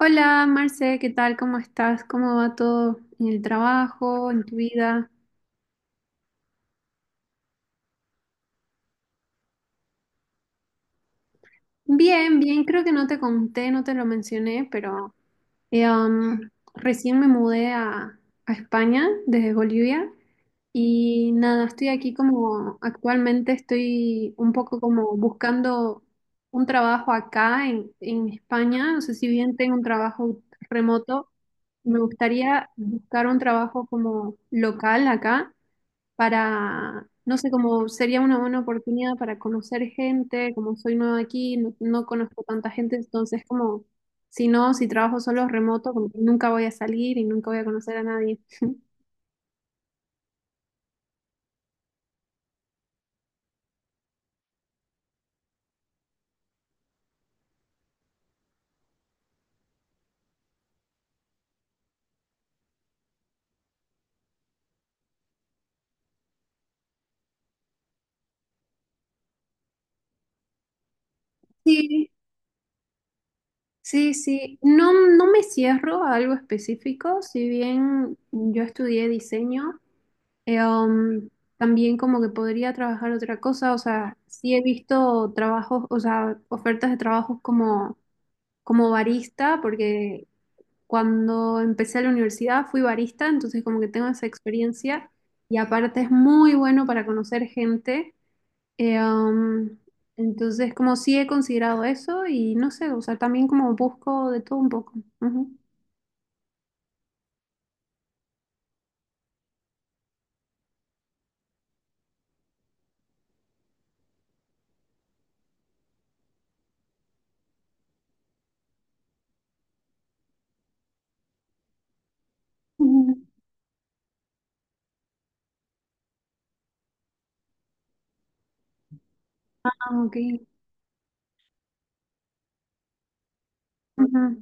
Hola, Marce, ¿qué tal? ¿Cómo estás? ¿Cómo va todo en el trabajo, en tu vida? Bien, bien, creo que no te conté, no te lo mencioné, pero eh, um, recién me mudé a España desde Bolivia y nada, estoy aquí como actualmente estoy un poco como buscando un trabajo acá en España, no sé si bien tengo un trabajo remoto, me gustaría buscar un trabajo como local acá. Para, no sé, como sería una buena oportunidad para conocer gente, como soy nueva aquí, no conozco tanta gente, entonces como, si no, si trabajo solo remoto, como que nunca voy a salir y nunca voy a conocer a nadie. Sí, sí, sí, no, no me cierro a algo específico, si bien yo estudié diseño, eh, um, también como que podría trabajar otra cosa, o sea, sí he visto trabajos, o sea, ofertas de trabajos como barista, porque cuando empecé la universidad fui barista, entonces como que tengo esa experiencia y aparte es muy bueno para conocer gente. Eh, um, entonces como sí he considerado eso y no sé, o sea, también como busco de todo un poco. Ujú. Ujú. Ah, ok. Ujú,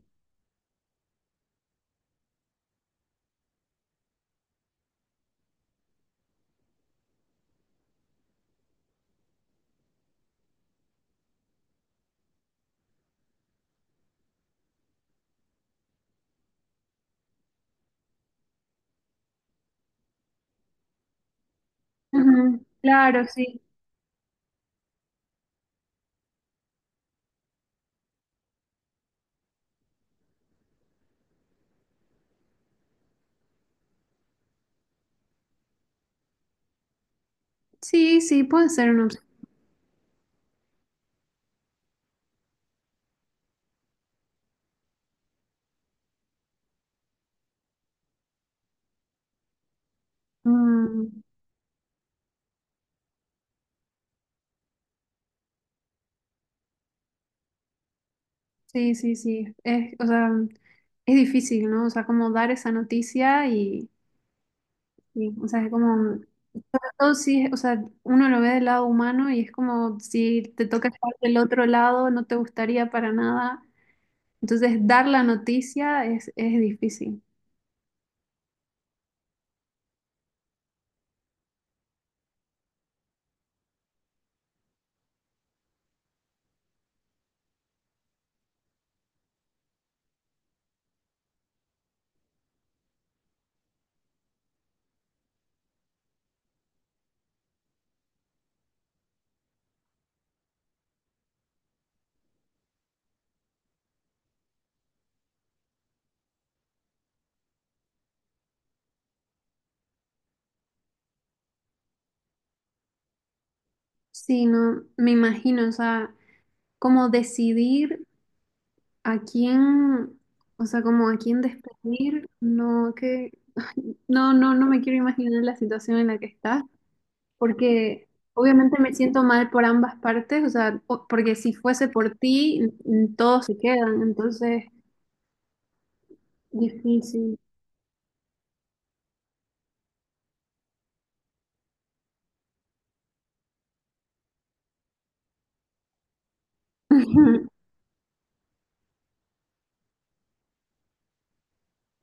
ujú. Claro, sí. Sí, sí, puede ser una opción. Mm, sí, sí, sí. Es, o sea, es difícil, ¿no? O sea, como dar esa noticia y, o sea, es como. No, sí, o sea, uno lo ve del lado humano y es como si te toca estar del otro lado, no te gustaría para nada. Entonces, dar la noticia es difícil. Sí, no, me imagino, o sea, como decidir a quién, o sea, como a quién despedir, no, que, ay, no, no, no me quiero imaginar la situación en la que estás, porque obviamente me siento mal por ambas partes, o sea, o- porque si fuese por ti, n- n- todos se quedan, entonces... Difícil. Ujú.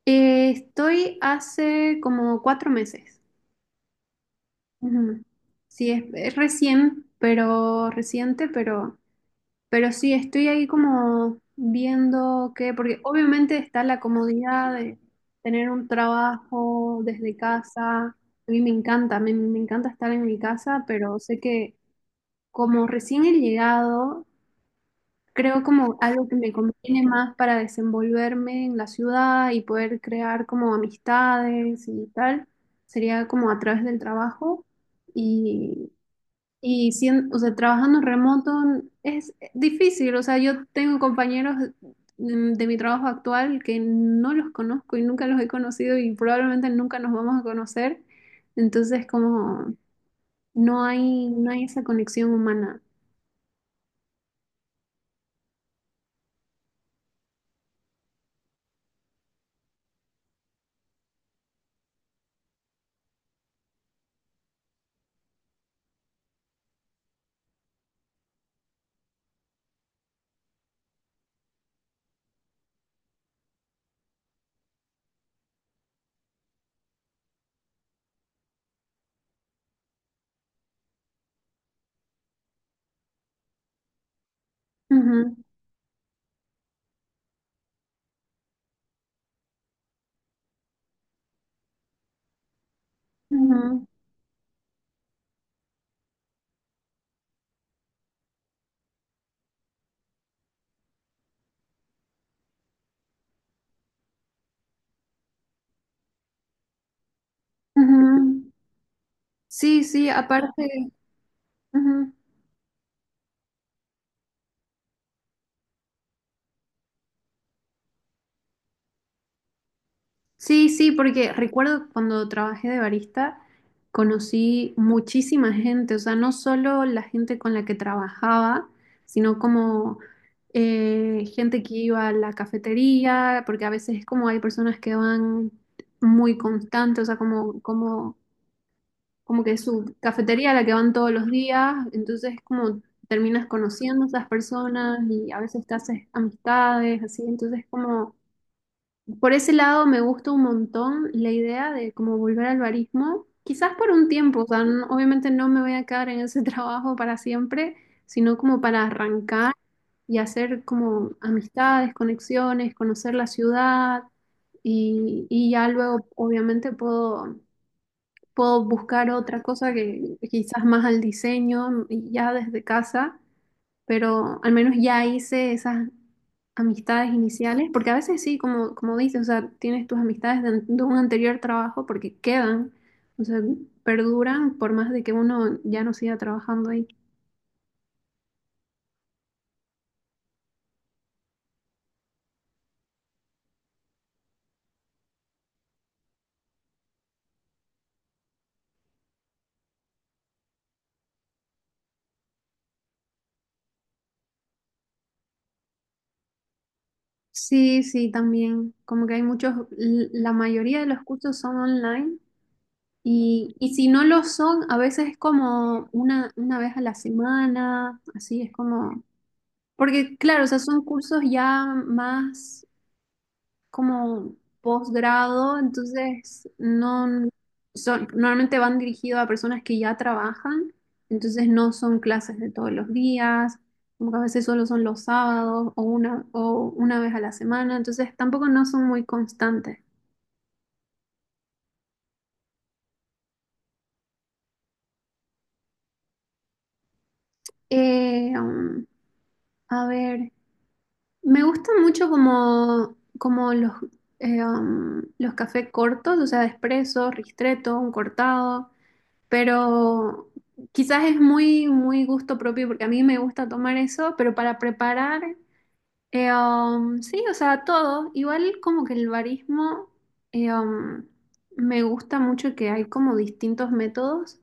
Estoy hace como cuatro meses. Ujú. Sí, es recién, pero reciente, pero sí, estoy ahí como viendo que, porque obviamente está la comodidad de tener un trabajo desde casa. A mí me encanta, me encanta estar en mi casa, pero sé que como recién he llegado, creo como algo que me conviene más para desenvolverme en la ciudad y poder crear como amistades y tal, sería como a través del trabajo y, y sien- o sea, trabajando remoto es difícil, o sea, yo tengo compañeros de mi trabajo actual que no los conozco y nunca los he conocido y probablemente nunca nos vamos a conocer, entonces como no hay, no hay esa conexión humana. Ujú, ujú, ujú. Sí, sí, aparte, ujú. Sí, sí, porque recuerdo cuando trabajé de barista, conocí muchísima gente, o sea, no solo la gente con la que trabajaba, sino como gente que iba a la cafetería, porque a veces es como hay personas que van muy constantes, o sea, como, como, como que es su cafetería a la que van todos los días, entonces es como terminas conociendo a esas personas y a veces te haces amistades, así, entonces es como... Por ese lado me gusta un montón la idea de como volver al barismo, quizás por un tiempo, o sea, n- obviamente no me voy a quedar en ese trabajo para siempre, sino como para arrancar y hacer como amistades, conexiones, conocer la ciudad y ya luego obviamente puedo, puedo buscar otra cosa que quizás más al diseño y ya desde casa, pero al menos ya hice esas amistades iniciales, porque a veces sí, como, como dices, o sea, tienes tus amistades de, an- de un anterior trabajo porque quedan, o sea, perduran por más de que uno ya no siga trabajando ahí. Sí, sí, también, como que hay muchos, l- la mayoría de los cursos son online. Y si no lo son, a veces es como una vez a la semana, así es como, porque claro, o sea, son cursos ya más como posgrado, entonces no son, normalmente van dirigidos a personas que ya trabajan, entonces no son clases de todos los días, como que a veces solo son los sábados o una vez a la semana, entonces tampoco no son muy constantes. Eh, um, a ver, me gustan mucho como, como los, los cafés cortos, o sea, expresos, ristretto, un cortado. Pero quizás es muy, muy gusto propio porque a mí me gusta tomar eso, pero para preparar, sí, o sea, todo, igual como que el barismo, eh, um, me gusta mucho que hay como distintos métodos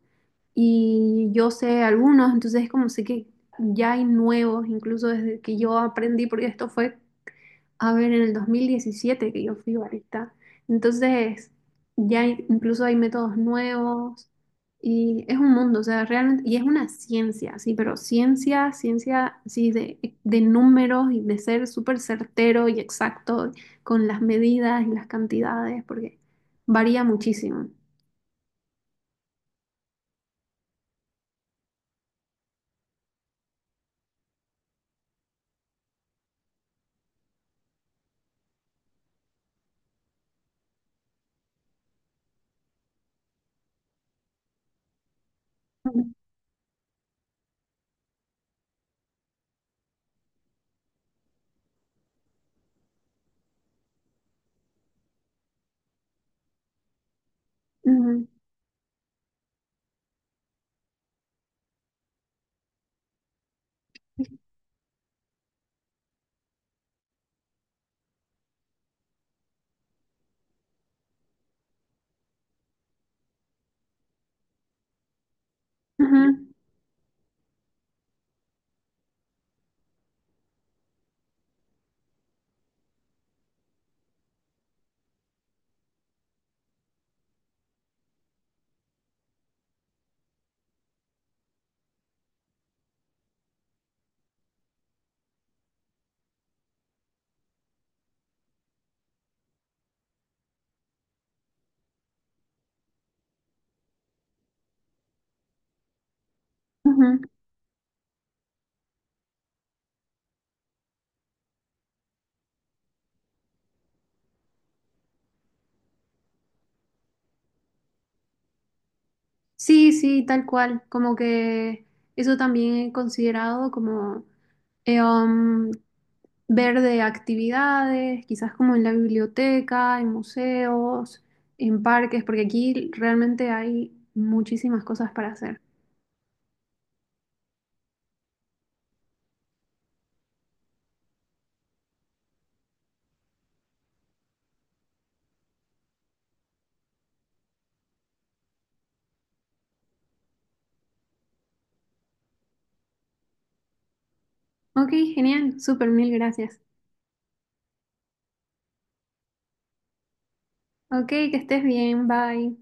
y yo sé algunos, entonces es como sé que ya hay nuevos, incluso desde que yo aprendí, porque esto fue a ver, en el 2017 que yo fui barista. Entonces, ya hay- incluso hay métodos nuevos y es un mundo, o sea, realmente, y es una ciencia, sí, pero ciencia, ciencia, sí, de números y de ser súper certero y exacto con las medidas y las cantidades, porque varía muchísimo. Ujú, ujú, ujú. Sí, sí, tal cual, como que eso también he considerado como... Eh, um, Ver de actividades, quizás como en la biblioteca, en museos, en parques, porque aquí realmente hay muchísimas cosas para hacer. Ok, genial, súper, mil gracias. Ok, que estés bien, bye.